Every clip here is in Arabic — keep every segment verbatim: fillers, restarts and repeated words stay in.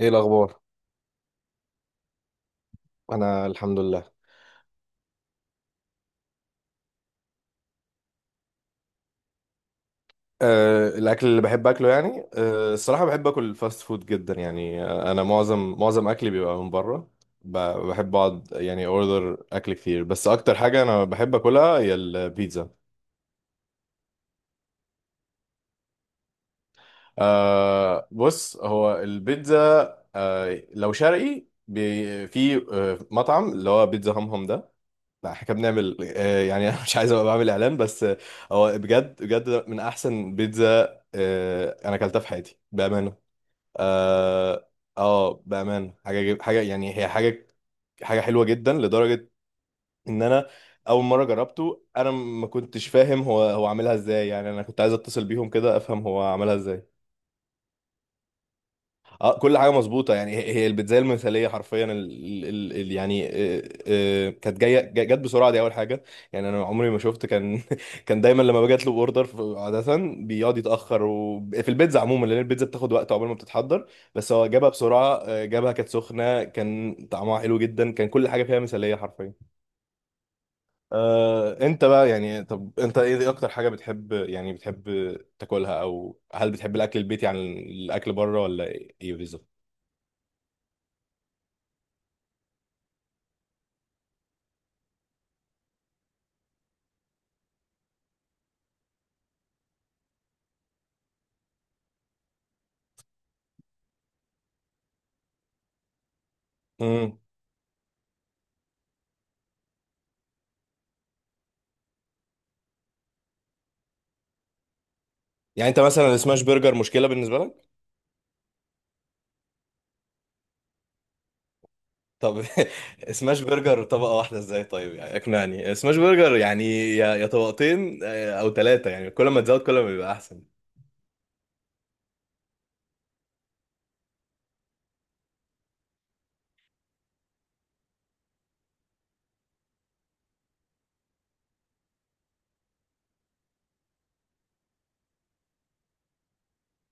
ايه الاخبار؟ انا الحمد لله. أه الاكل اللي بحب اكله يعني أه الصراحه بحب اكل الفاست فود جدا يعني آه، انا معظم معظم اكلي بيبقى من بره. ب- بحب اقعد يعني اوردر اكل كتير، بس اكتر حاجه انا بحب اكلها هي البيتزا. أه بص، هو البيتزا، أه لو شرقي، بي- في أه مطعم اللي هو بيتزا همهم ده. لا، احنا كنا بنعمل، آه، يعني انا مش عايز ابقى بعمل اعلان، بس آه، هو بجد بجد من احسن بيتزا آه، انا اكلتها في حياتي بامانه. اه. آه، بامانه حاجه جي- حاجه، يعني هي حاجه، حاجه حلوه جدا لدرجه ان انا اول مره جربته انا ما كنتش فاهم هو هو عاملها ازاي. يعني انا كنت عايز اتصل بيهم كده افهم هو عملها ازاي. اه، كل حاجه مظبوطه، يعني هي هي البيتزا المثاليه حرفيا. ال ال ال يعني، آه، آه، كانت جايه جا- جت بسرعه، دي اول حاجه. يعني انا عمري ما شفت، كان كان دايما لما باجي اطلب اوردر عاده بيقعد يتاخر، وفي البيتزا عموما، لان البيتزا بتاخد وقت عقبال ما بتتحضر، بس هو جابها بسرعه. آه، جابها كانت سخنه، كان طعمها حلو جدا، كان كل حاجه فيها مثاليه حرفيا. آه، انت بقى يعني، طب انت ايه اكتر حاجه بتحب، يعني بتحب تاكلها، او هل بتحب الاكل البيتي عن الاكل بره ولا ايه؟ بالظبط. يعني انت مثلا السماش برجر مشكله بالنسبه لك؟ طب، سماش برجر طبقه واحده ازاي؟ طيب يعني اقنعني، سماش برجر يعني يا يا طبقتين آه، او ثلاثه، يعني كل ما تزود كل ما بيبقى احسن.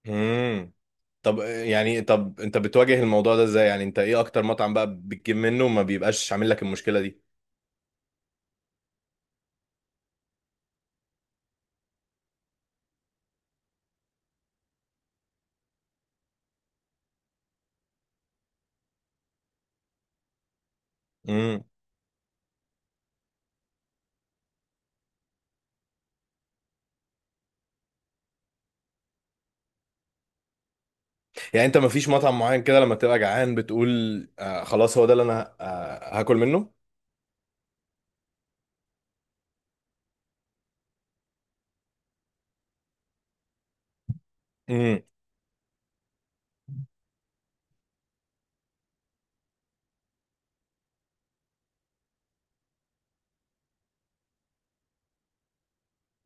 امم. طب، آه، يعني، طب انت بتواجه الموضوع ده ازاي؟ يعني انت ايه اكتر مطعم بقى بتجيب منه وما بيبقاش عامل لك المشكله دي؟ امم. يعني انت ما فيش مطعم معين كده لما تبقى جعان بتقول آه خلاص هو ده اللي انا آه هاكل منه؟ مم.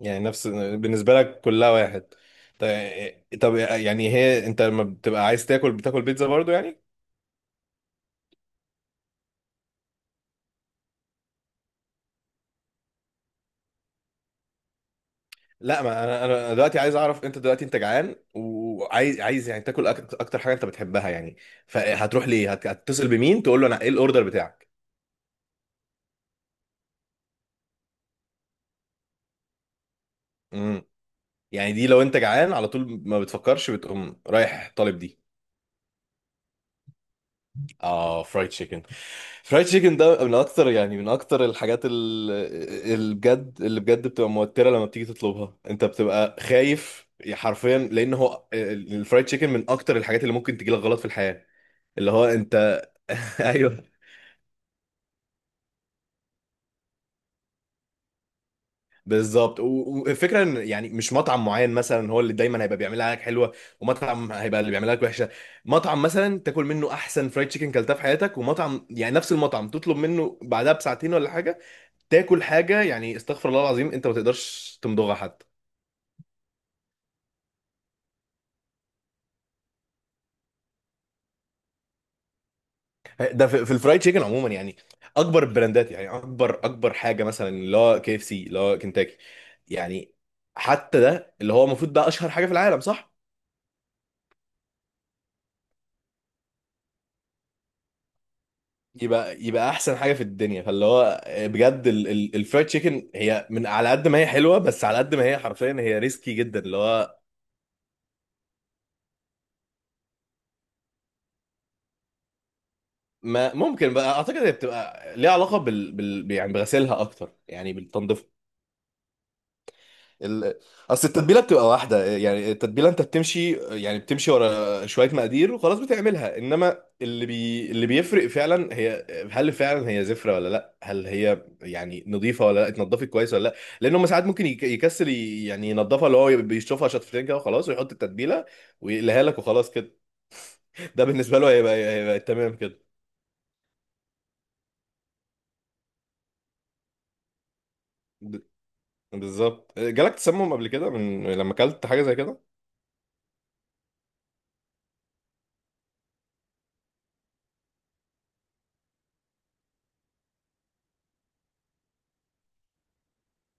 يعني نفس بالنسبة لك كلها واحد؟ طيب، طب يعني هي انت لما بتبقى عايز تاكل بتاكل بيتزا برضو يعني؟ لا، ما انا انا دلوقتي عايز اعرف، انت دلوقتي انت جعان وعايز عايز يعني تاكل أك- اكتر حاجة انت بتحبها يعني، فهتروح ليه، هت- هتتصل بمين تقول له انا ايه الاوردر بتاعك؟ امم. يعني دي لو انت جعان على طول ما بتفكرش بتقوم رايح طالب دي؟ اه، فرايد تشيكن. فرايد تشيكن ده من اكتر، يعني من اكتر الحاجات ال- اللي بجد، اللي بجد بتبقى موتره لما بتيجي تطلبها، انت بتبقى خايف حرفيا، لان هو ال- الفرايد تشيكن من اكتر الحاجات اللي ممكن تجيلك غلط في الحياه. اللي هو انت ايوه. بالظبط و- والفكره ان يعني مش مطعم معين مثلا هو اللي دايما هيبقى بيعملها لك حلوه، ومطعم هيبقى اللي بيعملها لك وحشه. مطعم مثلا تاكل منه احسن فرايد تشيكن كلتها في حياتك، ومطعم يعني نفس المطعم تطلب منه بعدها بساعتين ولا حاجه تاكل حاجه، يعني استغفر الله العظيم انت ما تقدرش تمضغها حتى. ده في, في الفرايد تشيكن عموما، يعني اكبر البراندات، يعني اكبر اكبر حاجه مثلا اللي هو كي اف سي اللي هو كنتاكي يعني، حتى ده اللي هو المفروض ده اشهر حاجه في العالم صح؟ يبقى يبقى احسن حاجه في الدنيا. فاللي هو بجد ال- ال- الفرايد تشيكن هي، من على قد ما هي حلوه بس على قد ما هي حرفيا هي ريسكي جدا اللي هو. ما ممكن بقى، اعتقد هي بتبقى ليها علاقه بال, بال يعني بغسيلها اكتر، يعني بالتنظيف. ال... اصل التتبيله بتبقى واحده، يعني التتبيله انت بتمشي، يعني بتمشي ورا شويه مقادير وخلاص بتعملها، انما اللي بي... اللي بيفرق فعلا، هي هل فعلا هي زفره ولا لا، هل هي يعني نظيفه ولا لا، اتنضفت كويس ولا لا. لان هم ساعات ممكن يك... يكسل ي... يعني ينضفها اللي هو بيشطفها شطفتين كده وخلاص، ويحط التتبيله ويقلها لك وخلاص كده. ده بالنسبه له هيبقى هيبقى تمام كده. ب- بالظبط. جالك تسمم قبل كده من لما اكلت حاجه زي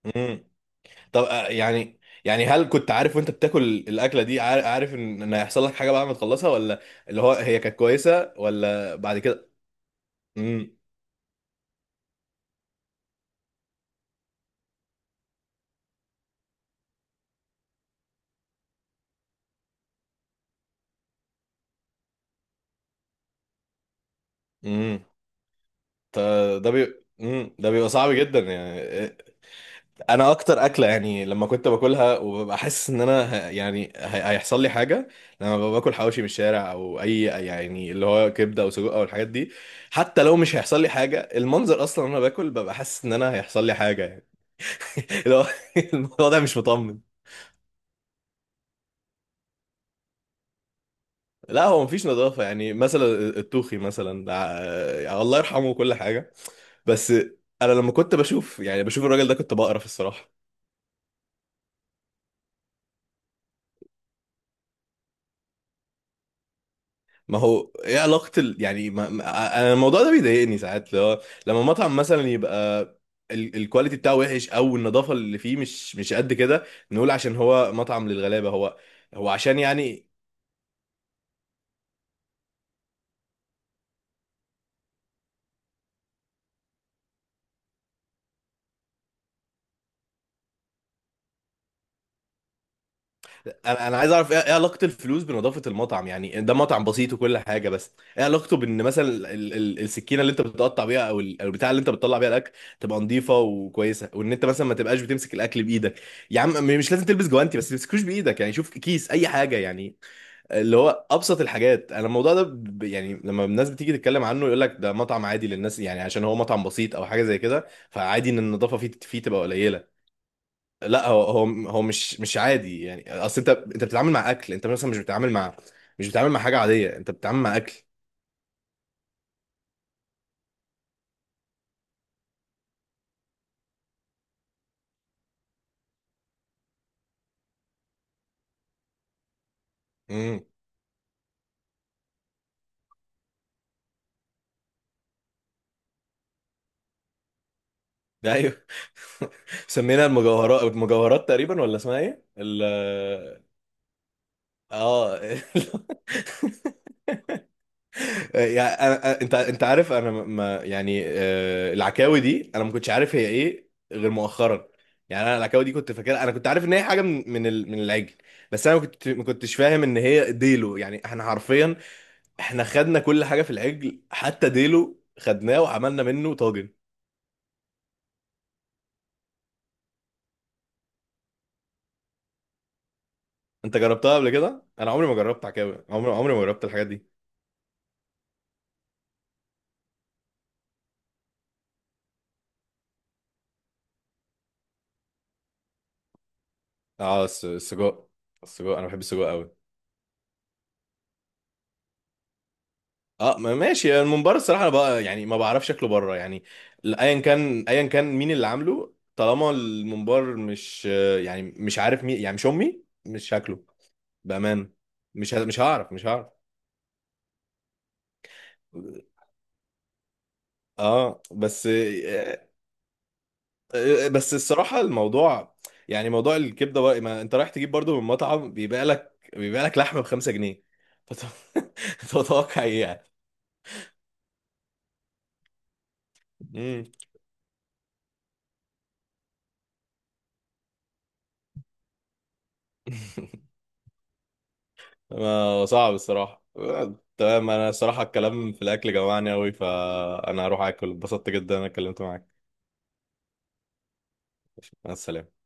كده؟ طب، آه، يعني، يعني هل كنت عارف وانت بتاكل الاكله دي، عار- عارف ان ان هيحصل لك حاجه بعد ما تخلصها، ولا اللي هو هي كانت كويسه ولا بعد كده؟ امم. امم. ط- ده بي امم، ده بيبقى صعب جدا يعني. إيه، انا اكتر اكله يعني لما كنت باكلها وببقى حاسس ان انا ه- يعني هي- هيحصل لي حاجه، لما ببقى باكل حواوشي من الشارع، او اي يعني اللي هو كبده او سجق او الحاجات دي. حتى لو مش هيحصل لي حاجه، المنظر اصلا وانا باكل ببقى حاسس ان انا هيحصل لي حاجه يعني. اللي هو الموضوع ده مش مطمن. لا، هو مفيش نظافة. يعني مثلا التوخي مثلا، ع- يعني الله يرحمه وكل حاجة، بس أنا لما كنت بشوف، يعني بشوف الراجل ده كنت بقرف الصراحة. ما هو ايه علاقة ال... يعني ما... ما... أنا الموضوع ده بيضايقني ساعات لو... لما مطعم مثلا يبقى ال... الكواليتي بتاعه وحش، أو النظافة اللي فيه مش مش قد كده، نقول عشان هو مطعم للغلابة هو، هو عشان يعني. انا انا عايز اعرف ايه، إيه علاقه الفلوس بنظافه المطعم؟ يعني ده مطعم بسيط وكل حاجه، بس ايه علاقته بان مثلا ال- ال- السكينه اللي انت بتقطع بيها، او ال- أو البتاع اللي انت بتطلع بيها الاكل، تبقى نظيفه وكويسه، وان انت مثلا ما تبقاش بتمسك الاكل بايدك. يا عم، م- مش لازم تلبس جوانتي، بس ما تمسكوش بايدك، يعني شوف كيس اي حاجه يعني، اللي هو ابسط الحاجات. انا الموضوع ده ب- يعني لما الناس بتيجي تتكلم عنه يقول لك ده مطعم عادي للناس، يعني عشان هو مطعم بسيط او حاجه زي كده فعادي ان النظافه فيه فيه تبقى قليله. لا، هو هو هو مش مش عادي. يعني اصل انت انت بتتعامل مع اكل، انت مثلا مش بتتعامل مع، مش بتتعامل مع حاجه عاديه، انت بتتعامل مع اكل. امم. ده ايوه. سمينا المجوهرات، المجوهرات تقريبا، ولا اسمها ايه ال؟ اه. يعني أنا... أنا- انت، انت عارف انا ما، يعني آه، العكاوي دي انا ما كنتش عارف هي ايه غير مؤخرا. يعني انا العكاوي دي كنت فاكرها، انا كنت عارف ان هي حاجه من من ال- من العجل، بس انا ما كنت ما كنتش فاهم ان هي ديلو. يعني احنا حرفيا احنا خدنا كل حاجه في العجل، حتى ديلو خدناه وعملنا منه طاجن. انت جربتها قبل كده؟ انا عمري ما جربت عكاوي، عمري عمري ما جربت الحاجات دي. اه، الس- السجق. السجق، انا بحب السجق قوي. اه، ما- ماشي، يعني الممبار الصراحه انا بقى يعني ما بعرفش شكله بره يعني، ال- ايا كان ايا كان مين اللي عامله، طالما الممبار مش، آه، يعني مش عارف مين، يعني مش امي مش شكله. بامان. مش ه- مش هعرف، مش هعرف. اه بس آه، آه، بس الصراحة الموضوع، يعني موضوع الكبدة بقى، ما انت رايح تجيب برضو من مطعم بيبيع لك بيبيع لك لحمة بخمسة جنيه، فت- تتوقع ايه يعني؟ مم. ما- صعب الصراحة. تمام، انا الصراحة الكلام في الاكل جوعني اوي فانا هروح اكل. اتبسطت جدا انا اتكلمت معاك. مع السلامة.